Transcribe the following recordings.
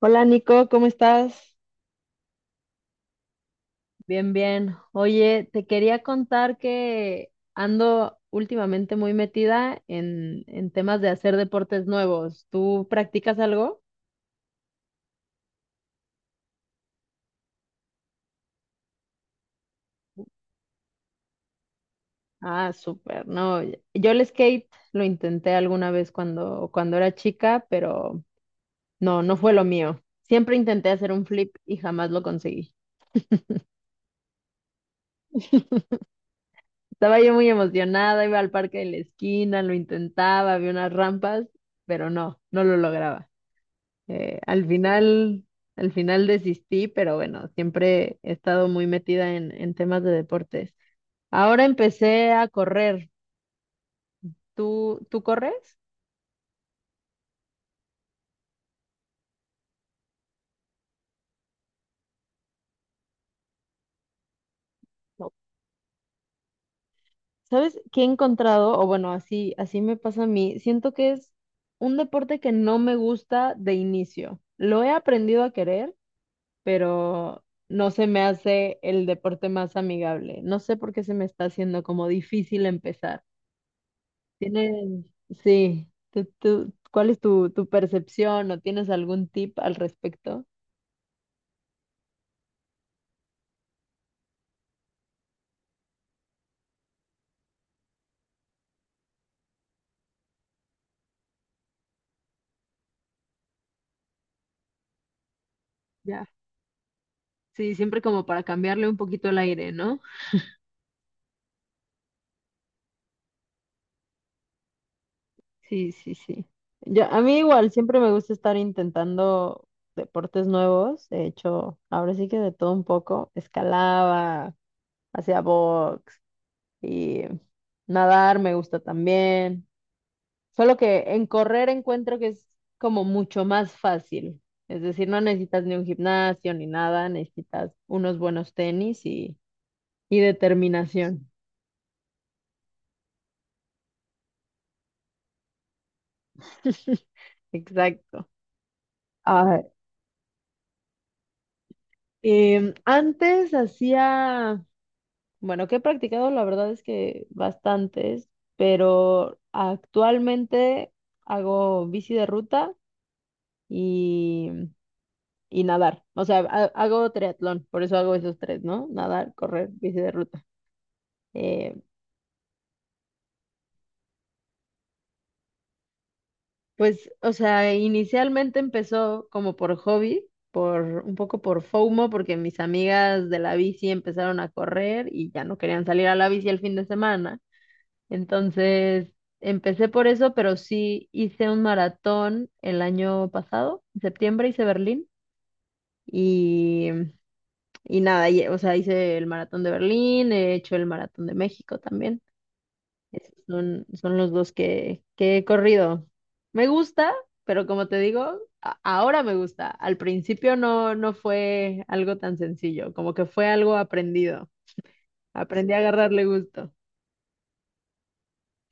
Hola Nico, ¿cómo estás? Bien, bien. Oye, te quería contar que ando últimamente muy metida en temas de hacer deportes nuevos. ¿Tú practicas algo? Ah, súper. No, yo el skate lo intenté alguna vez cuando era chica, pero no, no fue lo mío. Siempre intenté hacer un flip y jamás lo conseguí. Estaba yo muy emocionada, iba al parque de la esquina, lo intentaba, había unas rampas, pero no, no lo lograba. Al final, desistí, pero bueno, siempre he estado muy metida en temas de deportes. Ahora empecé a correr. ¿Tú corres? No. ¿Sabes qué he encontrado? O bueno, así, así me pasa a mí. Siento que es un deporte que no me gusta de inicio. Lo he aprendido a querer, pero no se me hace el deporte más amigable. No sé por qué se me está haciendo como difícil empezar. Tienes, sí, ¿cuál es tu percepción o tienes algún tip al respecto? Ya. Sí, siempre como para cambiarle un poquito el aire, ¿no? Sí, sí, sí. Yo, a mí igual, siempre me gusta estar intentando deportes nuevos. He hecho, ahora sí que de todo un poco, escalaba, hacía box y nadar me gusta también. Solo que en correr encuentro que es como mucho más fácil. Es decir, no necesitas ni un gimnasio ni nada, necesitas unos buenos tenis y determinación. Exacto. Ah, antes hacía, bueno, que he practicado la verdad es que bastantes, pero actualmente hago bici de ruta y, y nadar. O sea, hago triatlón, por eso hago esos tres, ¿no? Nadar, correr, bici de ruta. Eh, pues, o sea, inicialmente empezó como por hobby, por un poco por FOMO, porque mis amigas de la bici empezaron a correr y ya no querían salir a la bici el fin de semana. Entonces, empecé por eso, pero sí hice un maratón el año pasado, en septiembre hice Berlín y, y nada, o sea, hice el maratón de Berlín, he hecho el maratón de México también. Esos son, son los dos que he corrido. Me gusta, pero como te digo, ahora me gusta. Al principio no, no fue algo tan sencillo, como que fue algo aprendido. Aprendí a agarrarle gusto.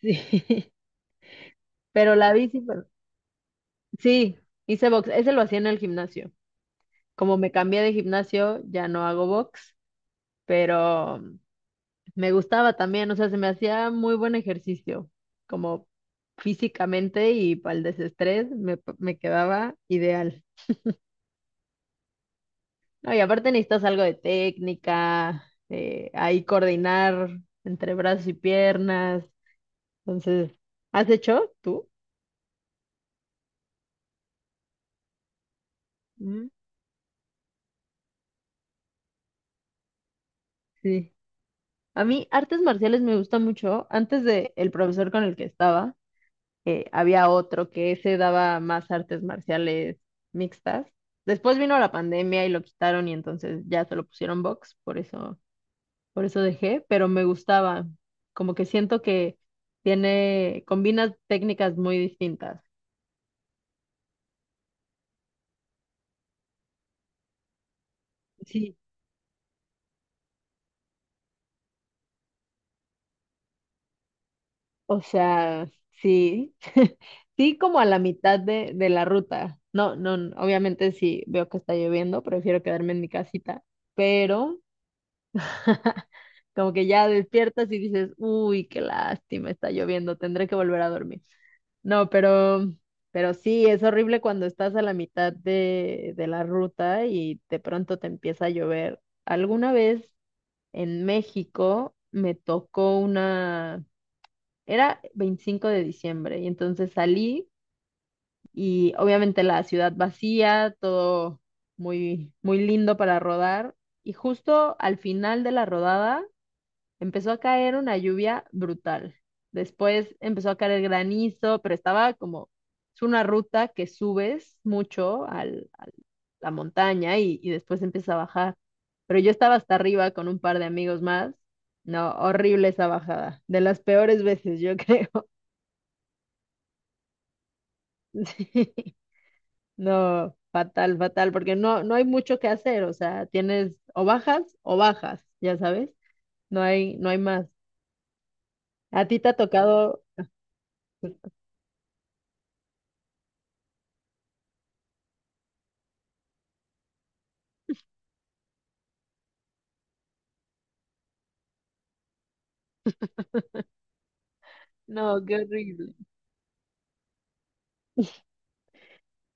Sí. Pero la bici, pues, sí, hice box. Ese lo hacía en el gimnasio. Como me cambié de gimnasio, ya no hago box, pero me gustaba también, o sea, se me hacía muy buen ejercicio, como físicamente y para el desestrés me quedaba ideal. No, y aparte necesitas algo de técnica, ahí coordinar entre brazos y piernas. Entonces, ¿has hecho tú? Mm. Sí. A mí artes marciales me gusta mucho. Antes de el profesor con el que estaba, había otro que se daba más artes marciales mixtas. Después vino la pandemia y lo quitaron y entonces ya se lo pusieron box, por eso dejé, pero me gustaba, como que siento que tiene, combina técnicas muy distintas. Sí. O sea, sí, sí como a la mitad de la ruta. No, no, obviamente si veo que está lloviendo, prefiero quedarme en mi casita, pero como que ya despiertas y dices, uy, qué lástima, está lloviendo, tendré que volver a dormir. No, pero sí, es horrible cuando estás a la mitad de la ruta y de pronto te empieza a llover. Alguna vez en México me tocó una, era 25 de diciembre y entonces salí y obviamente la ciudad vacía, todo muy, muy lindo para rodar y justo al final de la rodada empezó a caer una lluvia brutal. Después empezó a caer granizo, pero estaba como, es una ruta que subes mucho a la montaña y después empieza a bajar. Pero yo estaba hasta arriba con un par de amigos más. No, horrible esa bajada. De las peores veces, yo creo. Sí. No, fatal, fatal, porque no, no hay mucho que hacer. O sea, tienes o bajas, ya sabes. No hay, no hay más. ¿A ti te ha tocado? No, qué horrible.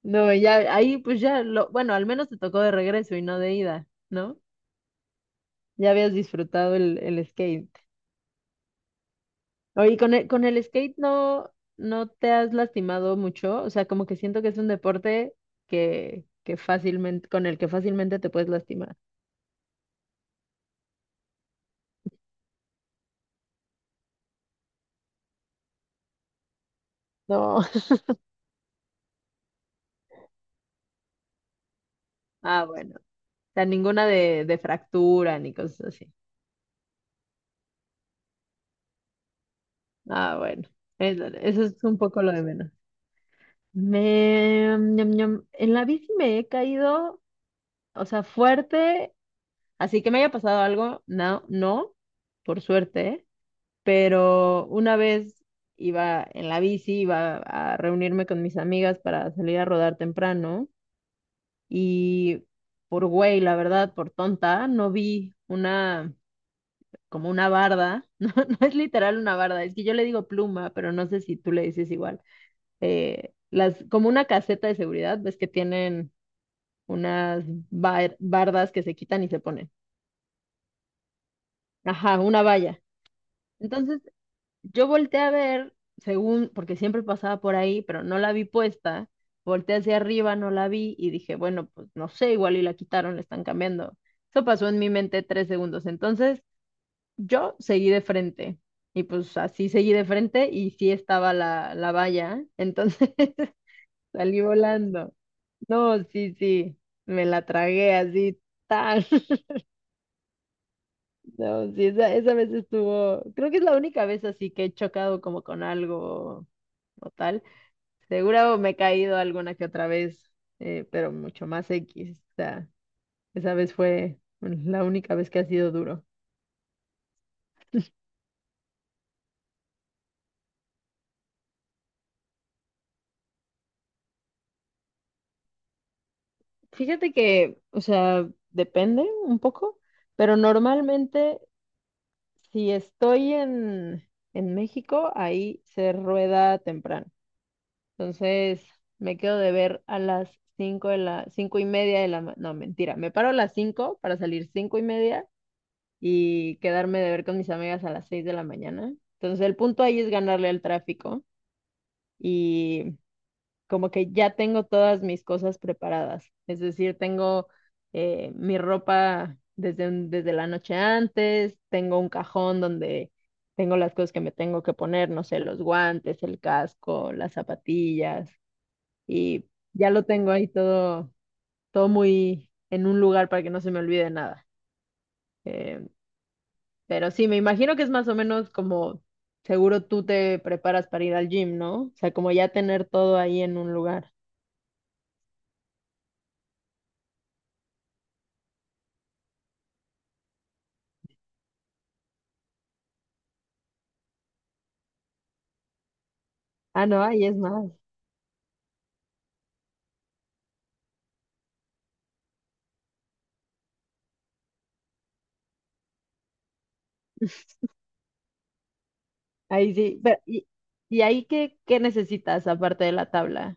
No, ya ahí pues ya lo, bueno, al menos te tocó de regreso y no de ida, ¿no? Ya habías disfrutado el skate. Oye, con el skate no, no te has lastimado mucho, o sea, como que siento que es un deporte que fácilmente, con el que fácilmente te puedes lastimar. No. Ah, bueno. O sea, ninguna de fractura ni cosas así. Ah, bueno. Eso es un poco lo de menos. Me, ñam, ñam. En la bici me he caído, o sea, fuerte. Así que me haya pasado algo, no, no, por suerte, ¿eh? Pero una vez iba en la bici, iba a reunirme con mis amigas para salir a rodar temprano y por güey, la verdad, por tonta, no vi una, como una barda, no, no es literal una barda, es que yo le digo pluma, pero no sé si tú le dices igual, las, como una caseta de seguridad, ves que tienen unas bardas que se quitan y se ponen. Ajá, una valla. Entonces yo volteé a ver, según, porque siempre pasaba por ahí, pero no la vi puesta. Volteé hacia arriba, no la vi y dije, bueno, pues no sé, igual y la quitaron, la están cambiando. Eso pasó en mi mente 3 segundos. Entonces, yo seguí de frente y pues así seguí de frente y sí estaba la, la valla. Entonces, salí volando. No, sí, sí, me la tragué así, tal. No, sí, esa vez estuvo, creo que es la única vez así que he chocado como con algo o tal. Seguro me he caído alguna que otra vez, pero mucho más X. O sea, esa vez fue la única vez que ha sido duro. Fíjate que, o sea, depende un poco, pero normalmente si estoy en México, ahí se rueda temprano. Entonces, me quedo de ver a las cinco y media de la, ma- no, mentira, me paro a las 5 para salir 5:30 y quedarme de ver con mis amigas a las 6 de la mañana. Entonces el punto ahí es ganarle al tráfico y como que ya tengo todas mis cosas preparadas. Es decir, tengo mi ropa desde la noche antes, tengo un cajón donde tengo las cosas que me tengo que poner, no sé, los guantes, el casco, las zapatillas y ya lo tengo ahí todo, todo muy en un lugar para que no se me olvide nada. Eh, Pero sí, me imagino que es más o menos como seguro tú te preparas para ir al gym, ¿no? O sea, como ya tener todo ahí en un lugar. Ah, no, ahí es más. Ahí sí. Pero, ¿y ahí qué necesitas aparte de la tabla?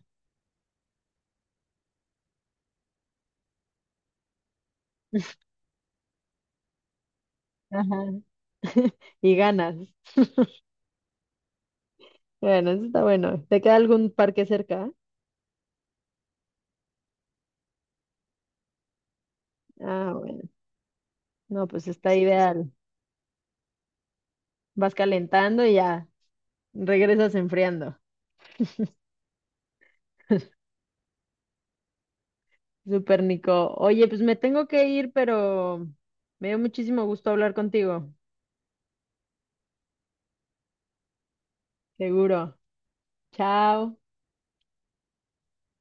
Ajá. Y ganas. Bueno, eso está bueno. ¿Te queda algún parque cerca? Ah, bueno. No, pues está ideal. Vas calentando y ya regresas enfriando. Súper, Nico. Oye, pues me tengo que ir, pero me dio muchísimo gusto hablar contigo. Seguro. Chao.